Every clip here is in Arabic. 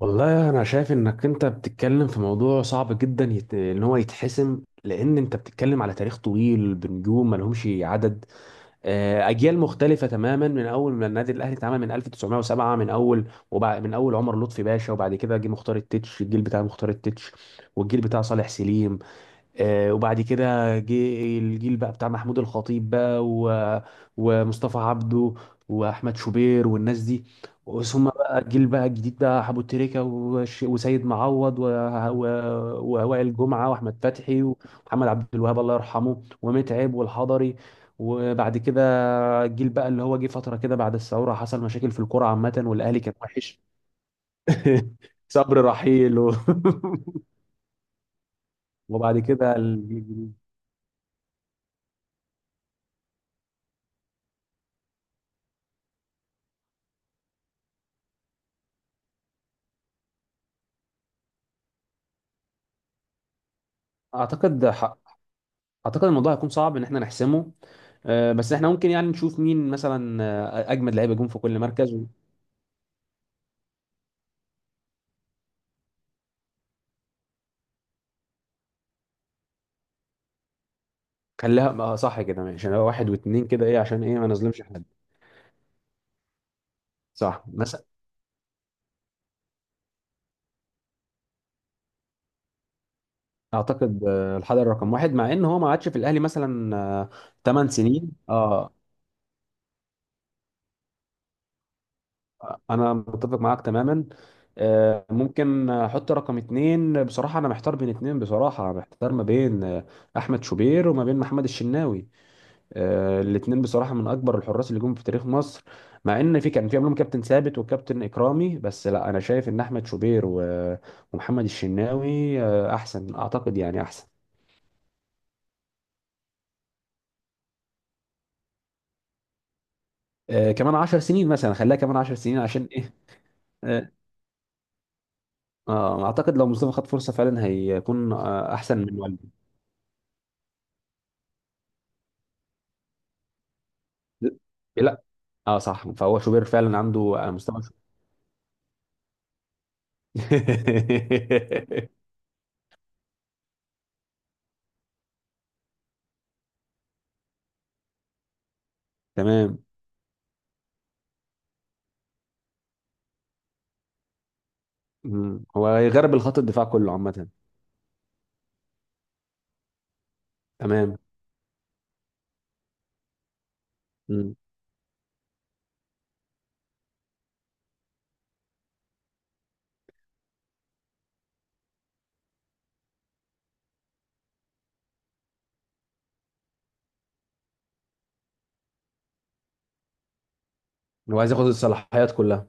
والله انا شايف انك انت بتتكلم في موضوع صعب جدا، ان هو يتحسم لان انت بتتكلم على تاريخ طويل بنجوم ملهمش عدد. اجيال مختلفه تماما من اول ما النادي الاهلي اتعمل من 1907، من اول عمر لطفي باشا وبعد كده جه مختار التتش، الجيل بتاع مختار التتش، والجيل بتاع صالح سليم. وبعد كده جه الجيل بقى بتاع محمود الخطيب بقى ومصطفى عبده واحمد شوبير والناس دي. ثم بقى الجيل بقى الجديد بقى حبو تريكة وسيد معوض و... ووائل جمعة واحمد فتحي ومحمد عبد الوهاب الله يرحمه ومتعب والحضري. وبعد كده الجيل بقى اللي هو جه فترة كده بعد الثورة، حصل مشاكل في الكرة عامة والأهلي كان وحش. صبري رحيل وبعد كده الجيل الجديد. اعتقد اعتقد الموضوع هيكون صعب ان احنا نحسمه. بس احنا ممكن يعني نشوف مين مثلا اجمد لعيبه جون في كل مركز. وخليها صح كده، ماشي، هو واحد واتنين كده ايه عشان ايه ما نظلمش حد. صح مثلا. اعتقد الحضري رقم واحد، مع ان هو ما عادش في الاهلي مثلا 8 سنين. اه. انا متفق معاك تماما. ممكن احط رقم اتنين، بصراحه انا محتار بين اتنين، بصراحه محتار ما بين احمد شوبير وما بين محمد الشناوي. الاثنين بصراحه من اكبر الحراس اللي جم في تاريخ مصر، مع ان في كان في قبلهم كابتن ثابت وكابتن اكرامي، بس لا انا شايف ان احمد شوبير ومحمد الشناوي احسن، اعتقد يعني احسن. كمان 10 سنين مثلا، خليها كمان 10 سنين عشان ايه. اه. اعتقد لو مصطفى خد فرصه فعلا هيكون احسن من والدي. لا، اه صح، فهو شوبير فعلا عنده مستوى. تمام. مم. هو هيغرب الخط الدفاع كله عامه. تمام. مم. هو عايز ياخد الصلاحيات كلها.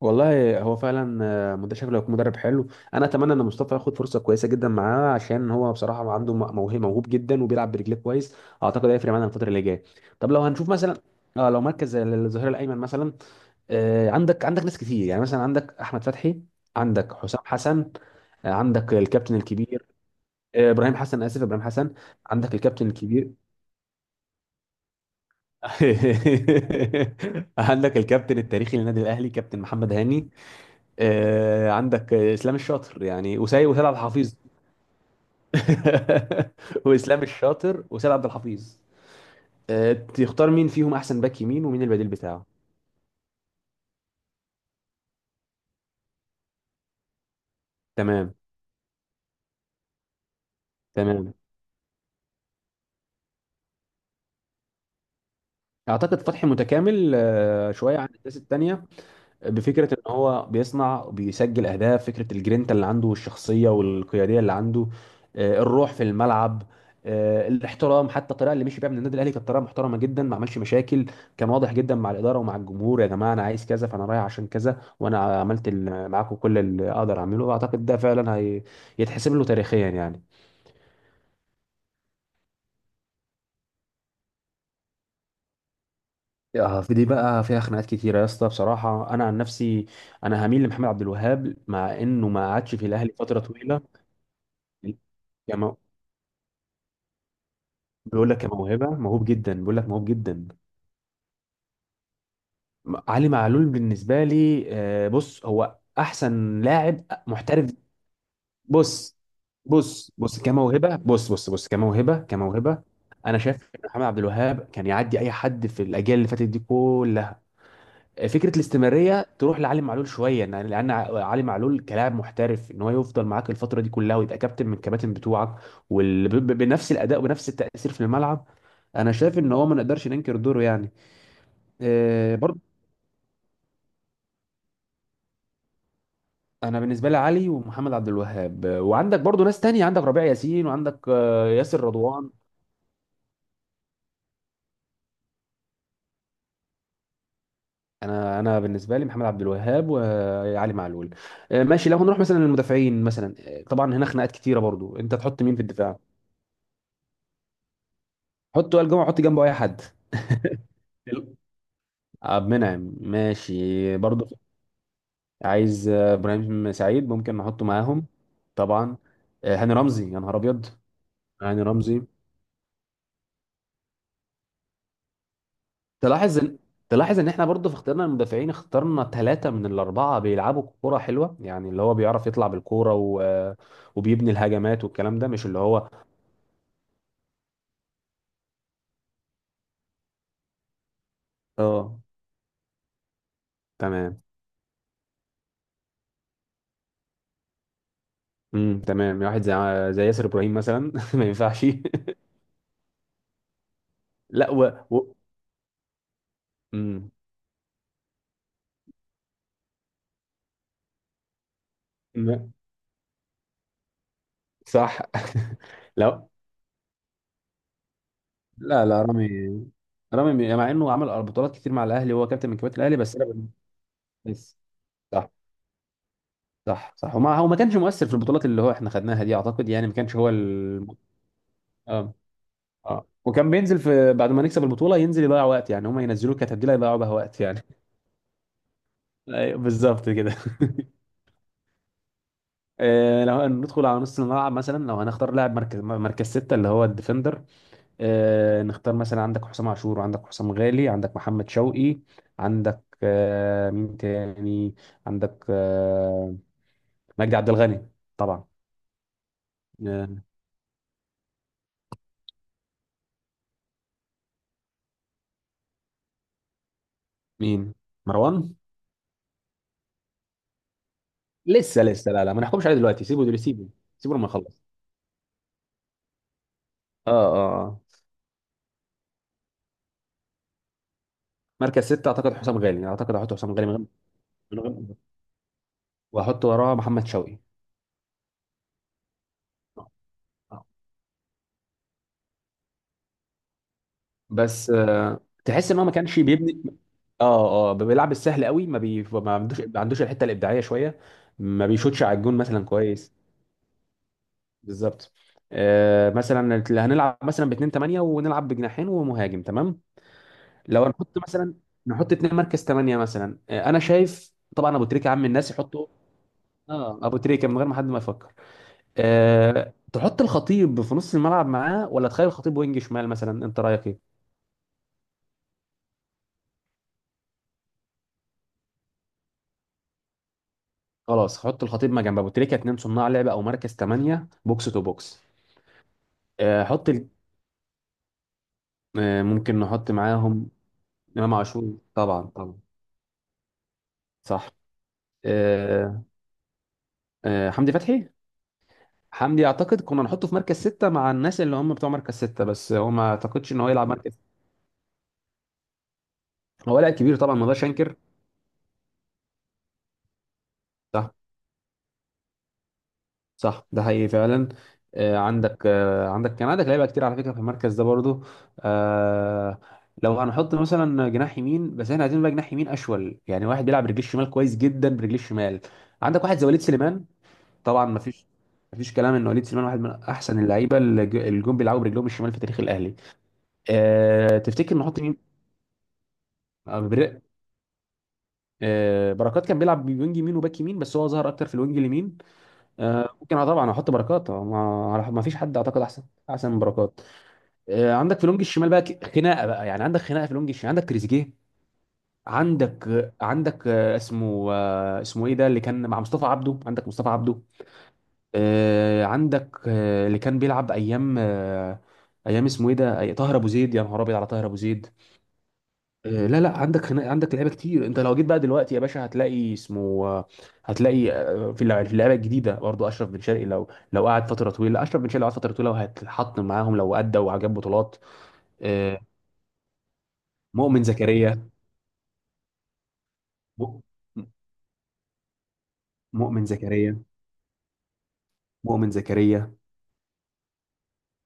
والله هو فعلا شكله هيكون مدرب حلو. انا اتمنى ان مصطفى ياخد فرصه كويسه جدا معاه، عشان هو بصراحه عنده موهبه، موهوب جدا وبيلعب برجليه كويس. اعتقد هيفرق معانا الفتره اللي جايه. طب لو هنشوف مثلا، اه لو مركز زي الظهير الايمن مثلا، عندك ناس كتير، يعني مثلا عندك احمد فتحي، عندك حسام حسن، عندك الكابتن الكبير ابراهيم حسن، اسف ابراهيم حسن، عندك الكابتن الكبير. عندك الكابتن التاريخي للنادي الاهلي كابتن محمد هاني. عندك اسلام الشاطر يعني، وسيد عبد الحفيظ. واسلام الشاطر وسيد عبد الحفيظ. تختار مين فيهم احسن باك يمين ومين البديل بتاعه؟ تمام. تمام. اعتقد فتحي متكامل شويه عن الناس التانيه. بفكره ان هو بيصنع، بيسجل اهداف، فكره الجرينتا اللي عنده والشخصيه والقياديه اللي عنده، الروح في الملعب، الاحترام. حتى الطريقه اللي مشي بيها من النادي الاهلي كانت طريقه محترمه جدا، ما عملش مشاكل. كان واضح جدا مع الاداره ومع الجمهور، يا جماعه انا عايز كذا فانا رايح عشان كذا، وانا عملت معاكم كل اللي اقدر اعمله، واعتقد ده فعلا يتحسب له تاريخيا يعني. في دي بقى فيها خناقات كتيره يا اسطى، بصراحه انا عن نفسي انا هميل لمحمد عبد الوهاب، مع انه ما قعدش في الاهلي فتره طويله. بيقول لك يا موهبه موهوب جدا، بيقول لك موهوب جدا. علي معلول بالنسبه لي بص، هو احسن لاعب محترف. بص بص بص كموهبه، بص بص بص كموهبه، كموهبه انا شايف إن محمد عبد الوهاب كان يعدي اي حد في الاجيال اللي فاتت دي كلها. فكره الاستمراريه تروح لعلي معلول شويه، لان علي معلول كلاعب محترف، ان هو يفضل معاك الفتره دي كلها ويبقى كابتن من الكباتن بتوعك، وبنفس الاداء وبنفس التاثير في الملعب. انا شايف ان هو ما نقدرش ننكر دوره يعني برضه. انا بالنسبه لي علي ومحمد عبد الوهاب وعندك برضه ناس تانية، عندك ربيع ياسين، وعندك ياسر رضوان. انا بالنسبه لي محمد عبد الوهاب وعلي معلول. ماشي. لو هنروح مثلا للمدافعين مثلا، طبعا هنا خناقات كتيره برضه، انت تحط مين في الدفاع. حط وائل جمعه، حط جنبه اي حد حلو. عبد المنعم ماشي برضه. عايز ابراهيم سعيد ممكن نحطه معاهم. طبعا. هاني رمزي، يا نهار ابيض. هاني رمزي. تلاحظ ان تلاحظ ان احنا برضه في اختيارنا المدافعين اخترنا ثلاثة من الأربعة بيلعبوا كورة حلوة، يعني اللي هو بيعرف يطلع بالكورة وبيبني الهجمات، والكلام ده مش اللي هو. اه تمام. تمام. واحد زي ياسر إبراهيم مثلا. ما ينفعش. لا و... امم لا، صح. لا، لا، لا، رامي. رامي مع انه عمل بطولات كتير مع الاهلي وهو كابتن من كباتن الاهلي، بس انا بس. صح. صح، صح، وما هو ما كانش مؤثر في البطولات اللي هو احنا خدناها دي، اعتقد يعني ما كانش هو. اه، اه، وكان بينزل في بعد ما نكسب البطوله ينزل يضيع وقت يعني، هم ينزلوه كتبديله يضيعوا بها وقت يعني. أيوة، بالظبط كده. لو ندخل على نص الملعب مثلا، لو هنختار لاعب مركز، ستة اللي هو الديفندر. نختار مثلا عندك حسام عاشور، وعندك حسام غالي، عندك محمد شوقي، عندك مين تاني، عندك مجدي عبد الغني. طبعا. آه، مين؟ مروان؟ لسه لسه، لا، لا، ما نحكمش عليه دلوقتي، سيبه دلوقتي، سيبه سيبه لما يخلص. اه، اه. مركز ستة اعتقد حسام غالي يعني، اعتقد احط حسام غالي من غير واحط وراه محمد شوقي. آه. بس تحس ان هو ما كانش بيبني. اه، اه، بيلعب السهل قوي، ما عندوش الحته الابداعيه شويه. ما بيشوتش على الجون مثلا كويس. بالظبط. آه، مثلا اللي هنلعب مثلا ب 2 8 ونلعب بجناحين ومهاجم، تمام. لو هنحط مثلا، نحط اتنين مركز 8 مثلا، آه انا شايف طبعا ابو تريكه عم الناس يحطه. اه، ابو تريكه من غير ما حد ما يفكر. تحط الخطيب في نص الملعب معاه ولا تخلي الخطيب وينج شمال مثلا، انت رايك ايه؟ خلاص، حط الخطيب ما جنب ابو تريكه، اتنين صناع لعب او مركز ثمانية بوكس تو بوكس. أه حط ال... ممكن نحط معاهم امام عاشور. طبعا. طبعا. صح. أه أه حمدي فتحي. حمدي اعتقد كنا نحطه في مركز ستة مع الناس اللي هم بتوع مركز ستة، بس هو ما اعتقدش ان هو يلعب مركز. هو لاعب كبير طبعا، ما نقدرش انكر. صح، صح، ده حقيقي فعلا. عندك آه، عندك كان عندك لعيبه كتير على فكره في المركز ده برضو. آه، لو هنحط مثلا جناح يمين، بس احنا عايزين بقى جناح يمين اشول، يعني واحد بيلعب برجليه الشمال كويس جدا، برجليه الشمال. عندك واحد زي وليد سليمان. طبعا. ما فيش كلام ان وليد سليمان واحد من احسن اللعيبه اللي جم بيلعبوا برجلهم الشمال في تاريخ الاهلي. أه، تفتكر نحط مين؟ آه، بر- بركات كان بيلعب وينج يمين وباك يمين، بس هو ظهر اكتر في الوينج اليمين. ممكن، اه طبعا احط بركات. ما فيش حد اعتقد احسن. احسن من بركات. عندك في لونج الشمال بقى خناقه بقى يعني، عندك خناقه في لونج الشمال، عندك تريزيجيه، عندك عندك اسمه ايه ده اللي كان مع مصطفى عبده، عندك مصطفى عبده. عندك اللي كان بيلعب ايام اسمه ايه ده، طاهر ابو زيد، يا نهار ابيض على طاهر ابو زيد. لا، لا، عندك هنا عندك لعيبه كتير. انت لو جيت بقى دلوقتي يا باشا هتلاقي اسمه هتلاقي في في اللعيبه الجديده برضو اشرف بن شرقي، لو قعد فتره طويله، اشرف بن شرقي لو قعد فتره طويله وهيتحط معاهم لو ادى وجاب بطولات. آه، مؤمن زكريا. مؤ- مؤمن زكريا، مؤمن زكريا.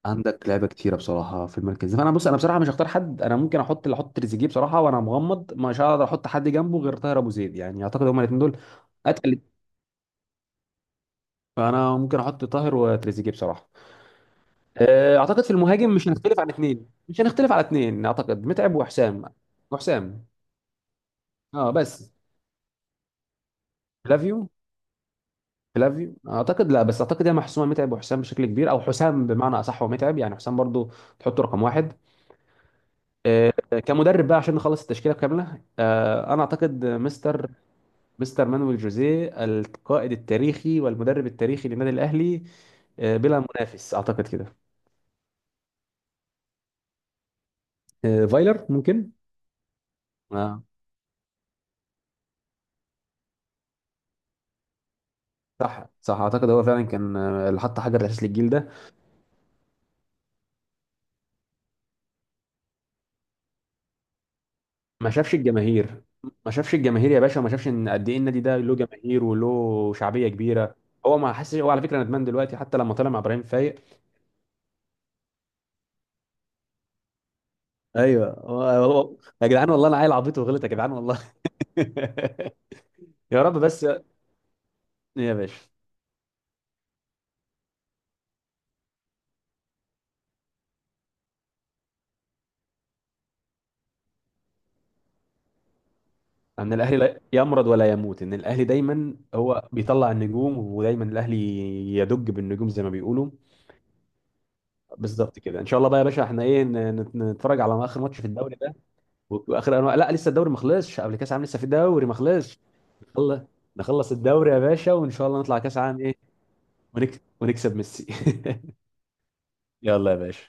عندك لعيبه كتيره بصراحه في المركز ده، فانا بص انا بصراحه مش هختار حد، انا ممكن احط اللي احط تريزيجيه بصراحه، وانا مغمض مش هقدر احط حد جنبه غير طاهر ابو زيد يعني، اعتقد هما الاثنين دول. اتقل. فانا ممكن احط طاهر وتريزيجيه بصراحه. اعتقد في المهاجم مش هنختلف عن اثنين، مش هنختلف على اثنين، اعتقد متعب وحسام وحسام اه بس. فلافيو. فلافيو اعتقد لا، بس اعتقد هي محسومه، متعب وحسام بشكل كبير، او حسام بمعنى اصح ومتعب يعني، حسام برضو تحطه رقم واحد. آه، كمدرب بقى عشان نخلص التشكيله كامله، انا اعتقد مستر، مانويل جوزيه القائد التاريخي والمدرب التاريخي للنادي الاهلي. بلا منافس اعتقد كده. فايلر ممكن. اه، صح، صح، اعتقد هو فعلا كان اللي حط حجر الاساس للجيل ده. ما شافش الجماهير، ما شافش الجماهير يا باشا، وما شافش ان قد ايه النادي ده له جماهير وله شعبيه كبيره. هو ما حسش. هو على فكره ندمان دلوقتي، حتى لما طلع مع ابراهيم فايق. ايوه، يا جدعان والله انا عيل عبيط وغلط، يا جدعان والله. يا رب بس. يا باشا، ان الاهلي لا يمرض ولا يموت، ان الاهلي دايما هو بيطلع النجوم، ودايما الاهلي يدج بالنجوم زي ما بيقولوا. بالظبط كده. ان شاء الله بقى يا باشا احنا ايه نتفرج على اخر ماتش في الدوري ده. واخر انواع، لا لسه الدوري ما خلصش قبل كاس عام، لسه في دوري ما خلصش، نخلص نخلص الدوري يا باشا، وان شاء الله نطلع كاس عام ايه ونكسب، ونكسب ميسي. يلا يا باشا.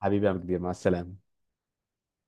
حبيبي يا عم كبير، مع السلامة.